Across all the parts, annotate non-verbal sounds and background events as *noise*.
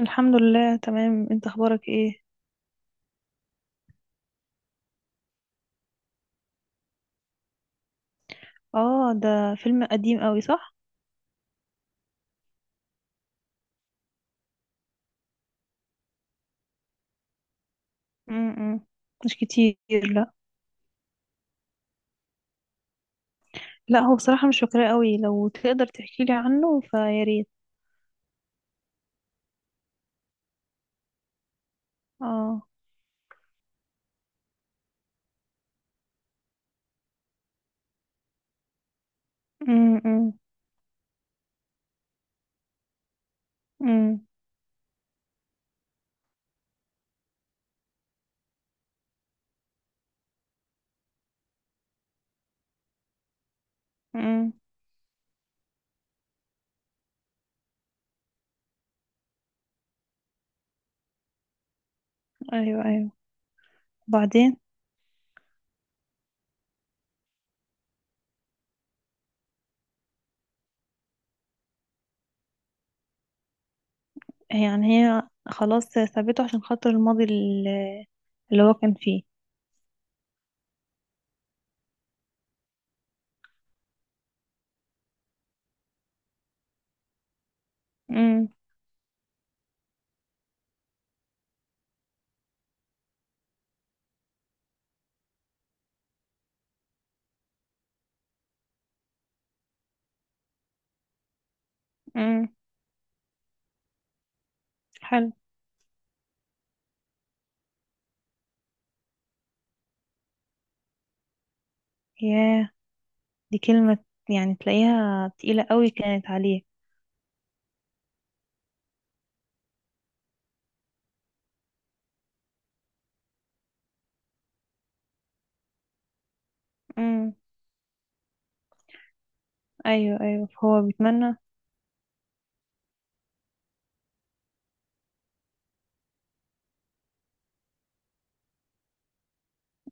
الحمد لله، تمام. انت اخبارك ايه؟ اه، ده فيلم قديم قوي، صح؟ امم. مش كتير. لا، لا، هو بصراحة مش فاكراه قوي. لو تقدر تحكي لي عنه فيا ريت. اه. امم. امم. ايوه، ايوه. بعدين. يعني هي خلاص سابته عشان خاطر الماضي اللي هو كان فيه. امم. امم. حلو. ياه، دي كلمة يعني تلاقيها تقيلة قوي كانت عليه. امم. ايوه، ايوه، فهو بيتمنى.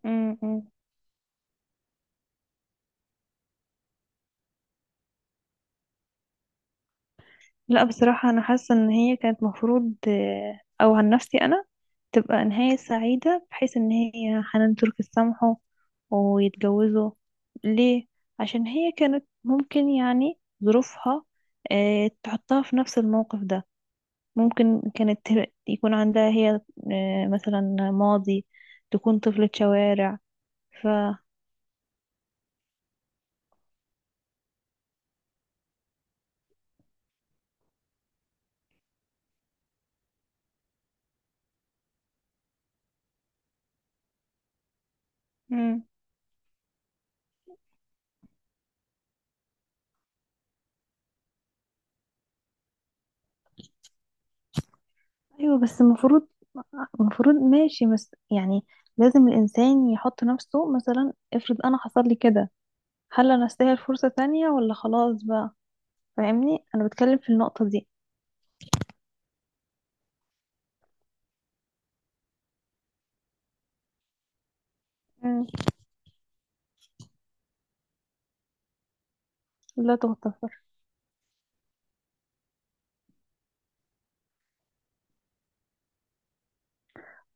امم. لا، بصراحة أنا حاسة إن هي كانت مفروض، أو عن نفسي أنا تبقى نهاية سعيدة بحيث إن هي حنان ترك تسامحه ويتجوزوا. ليه؟ عشان هي كانت ممكن يعني ظروفها تحطها في نفس الموقف ده. ممكن كانت يكون عندها هي، مثلا، ماضي. تكون طفلة شوارع ف مم. ايوه، بس المفروض. ماشي، بس يعني لازم الانسان يحط نفسه، مثلا افرض انا حصل لي كده. هل انا استاهل فرصة تانية ولا خلاص بقى؟ فاهمني انا بتكلم في النقطة دي. مم. لا تغتفر.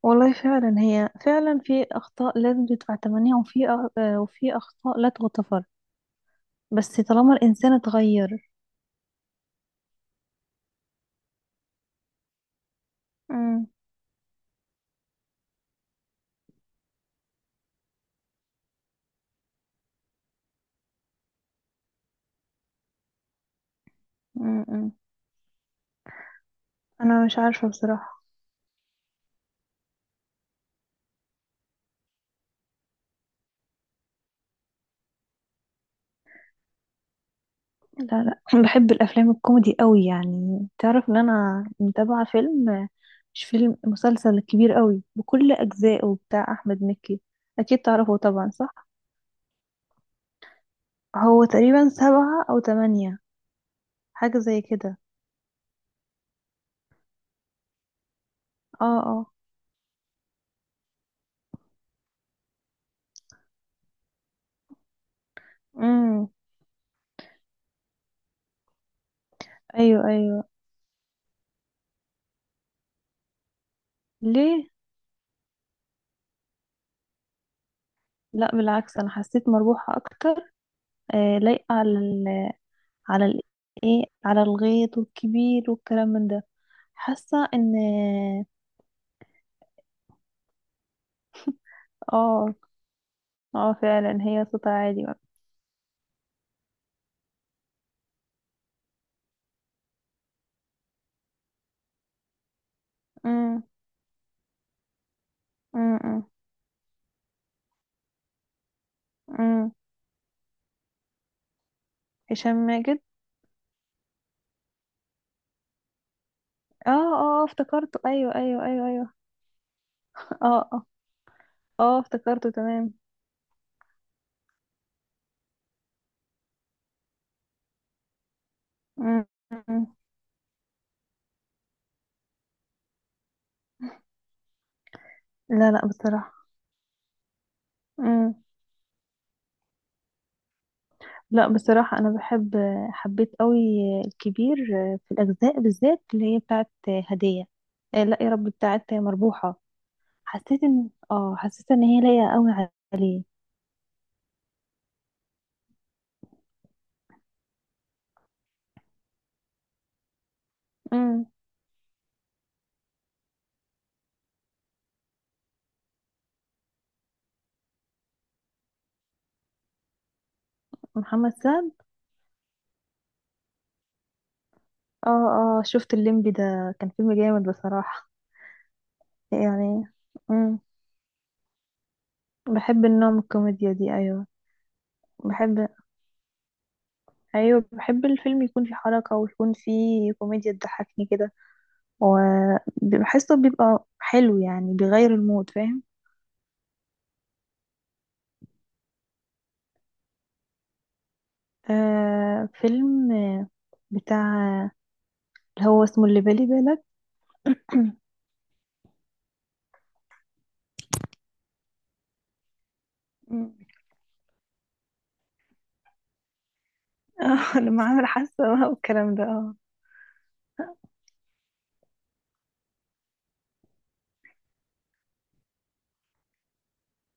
والله فعلا، هي فعلا في اخطاء لازم تدفع ثمنها، وفي أ- آه، وفي اخطاء لا تغتفر. بس طالما الانسان اتغير. مم. مم. مم. انا مش عارفة بصراحة. لا، لا، *laughs* بحب الافلام الكوميدي قوي. يعني تعرف ان انا متابعه فيلم. مش فيلم، مسلسل كبير قوي بكل اجزائه بتاع احمد مكي. اكيد تعرفه طبعا، صح؟ هو تقريبا سبعة او تمانية. حاجه زي كده. اه، اه. امم. ايوه، ايوه، ليه؟ لا بالعكس، انا حسيت مربوحه اكتر. لايقه على ال على ال ايه على الغيط والكبير والكلام من ده. حاسه ان. اه، اه، فعلا هي صوتها عالي. امم. امم. امم. هشام ماجد. اه، اه، افتكرته. ايوه، ايوه، ايوه، ايوه. اه، اه. اه، افتكرته. تمام. مم، مم. لا، لا، بصراحة. مم. لا، بصراحة انا حبيت قوي الكبير، في الاجزاء بالذات اللي هي بتاعت هدية. لا يا رب، بتاعت مربوحة. حسيت ان هي لايقة قوي عليه. مم. محمد سعد. اه، اه، شفت الليمبي، ده كان فيلم جامد بصراحة. يعني. مم. بحب النوع من الكوميديا دي، ايوه. بحب ايوه، بحب الفيلم يكون فيه حركة ويكون فيه كوميديا تضحكني كده. وبحسه بيبقى حلو، يعني بيغير المود، فاهم؟ فيلم، بتاع اللي هو اسمه اللي بالي بالك. مم. *laughs* اه، لما عامل حاسة بقى والكلام ده، اه.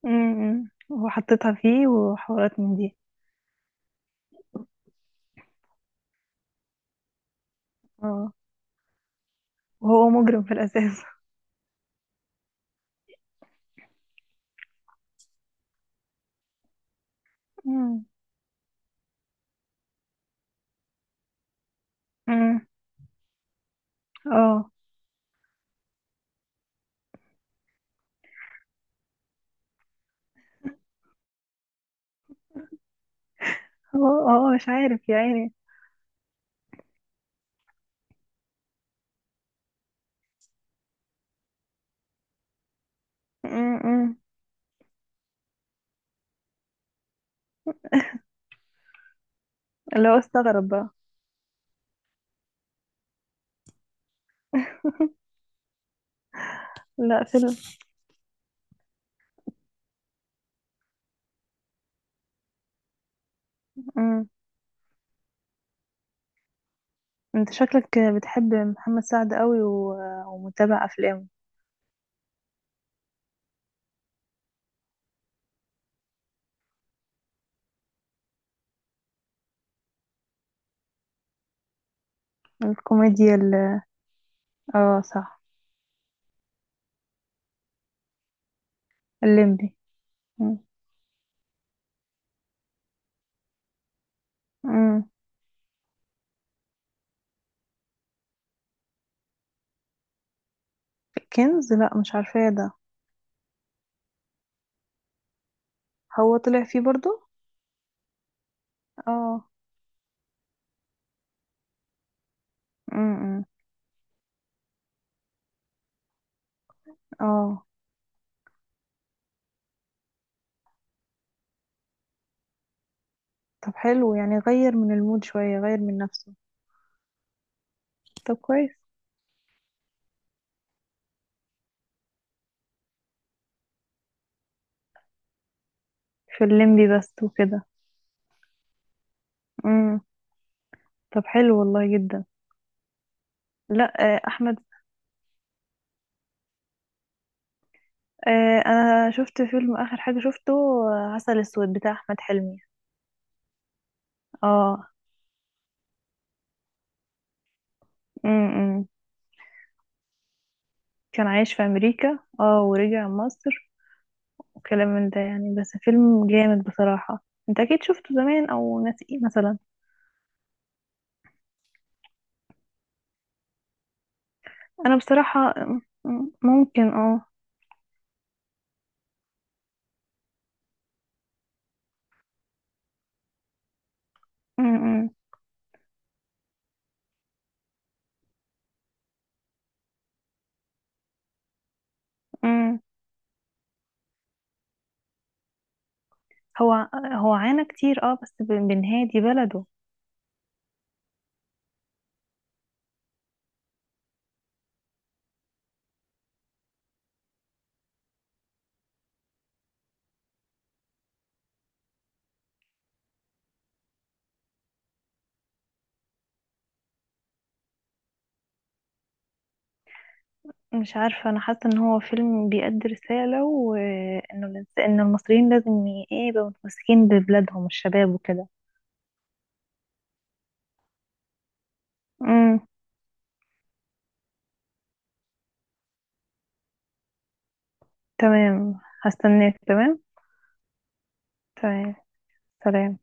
مم. وحطيتها فيه وحوارات من دي. اه. وهو مجرم في الأساس. مم. امم. اه، هو مش عارف يا عيني. مم. مم. اللي هو استغرب بقى. لا فيلم. مم. انت شكلك بتحب محمد سعد قوي ومتابع افلامه. الكوميديا... اه، صح. الليمبي. مم. مم. كنز، لا مش عارفاه ده. هو طلع فيه برضو. اه. امم. اه. طب حلو، يعني غير من المود شوية، غير من نفسه. طب كويس. في الليمبي بس وكده. امم. طب حلو والله، جدا. لا. آه، احمد آه، انا شفت فيلم اخر حاجة شفته. عسل اسود بتاع احمد حلمي. اه. امم. كان عايش في امريكا ورجع مصر. وكلام من ده، يعني بس فيلم جامد بصراحة. انت اكيد شفته زمان او ناسيه مثلا. انا بصراحة ممكن م- م- م. هو عانى كتير، بس بنهاية دي بلده. مش عارفة، انا حاسة ان هو فيلم بيأدي رسالة، وانه ان المصريين لازم ي- ايه يبقوا متمسكين ببلادهم، الشباب وكده. م. تمام، هستناك، تمام. تمام. سلام.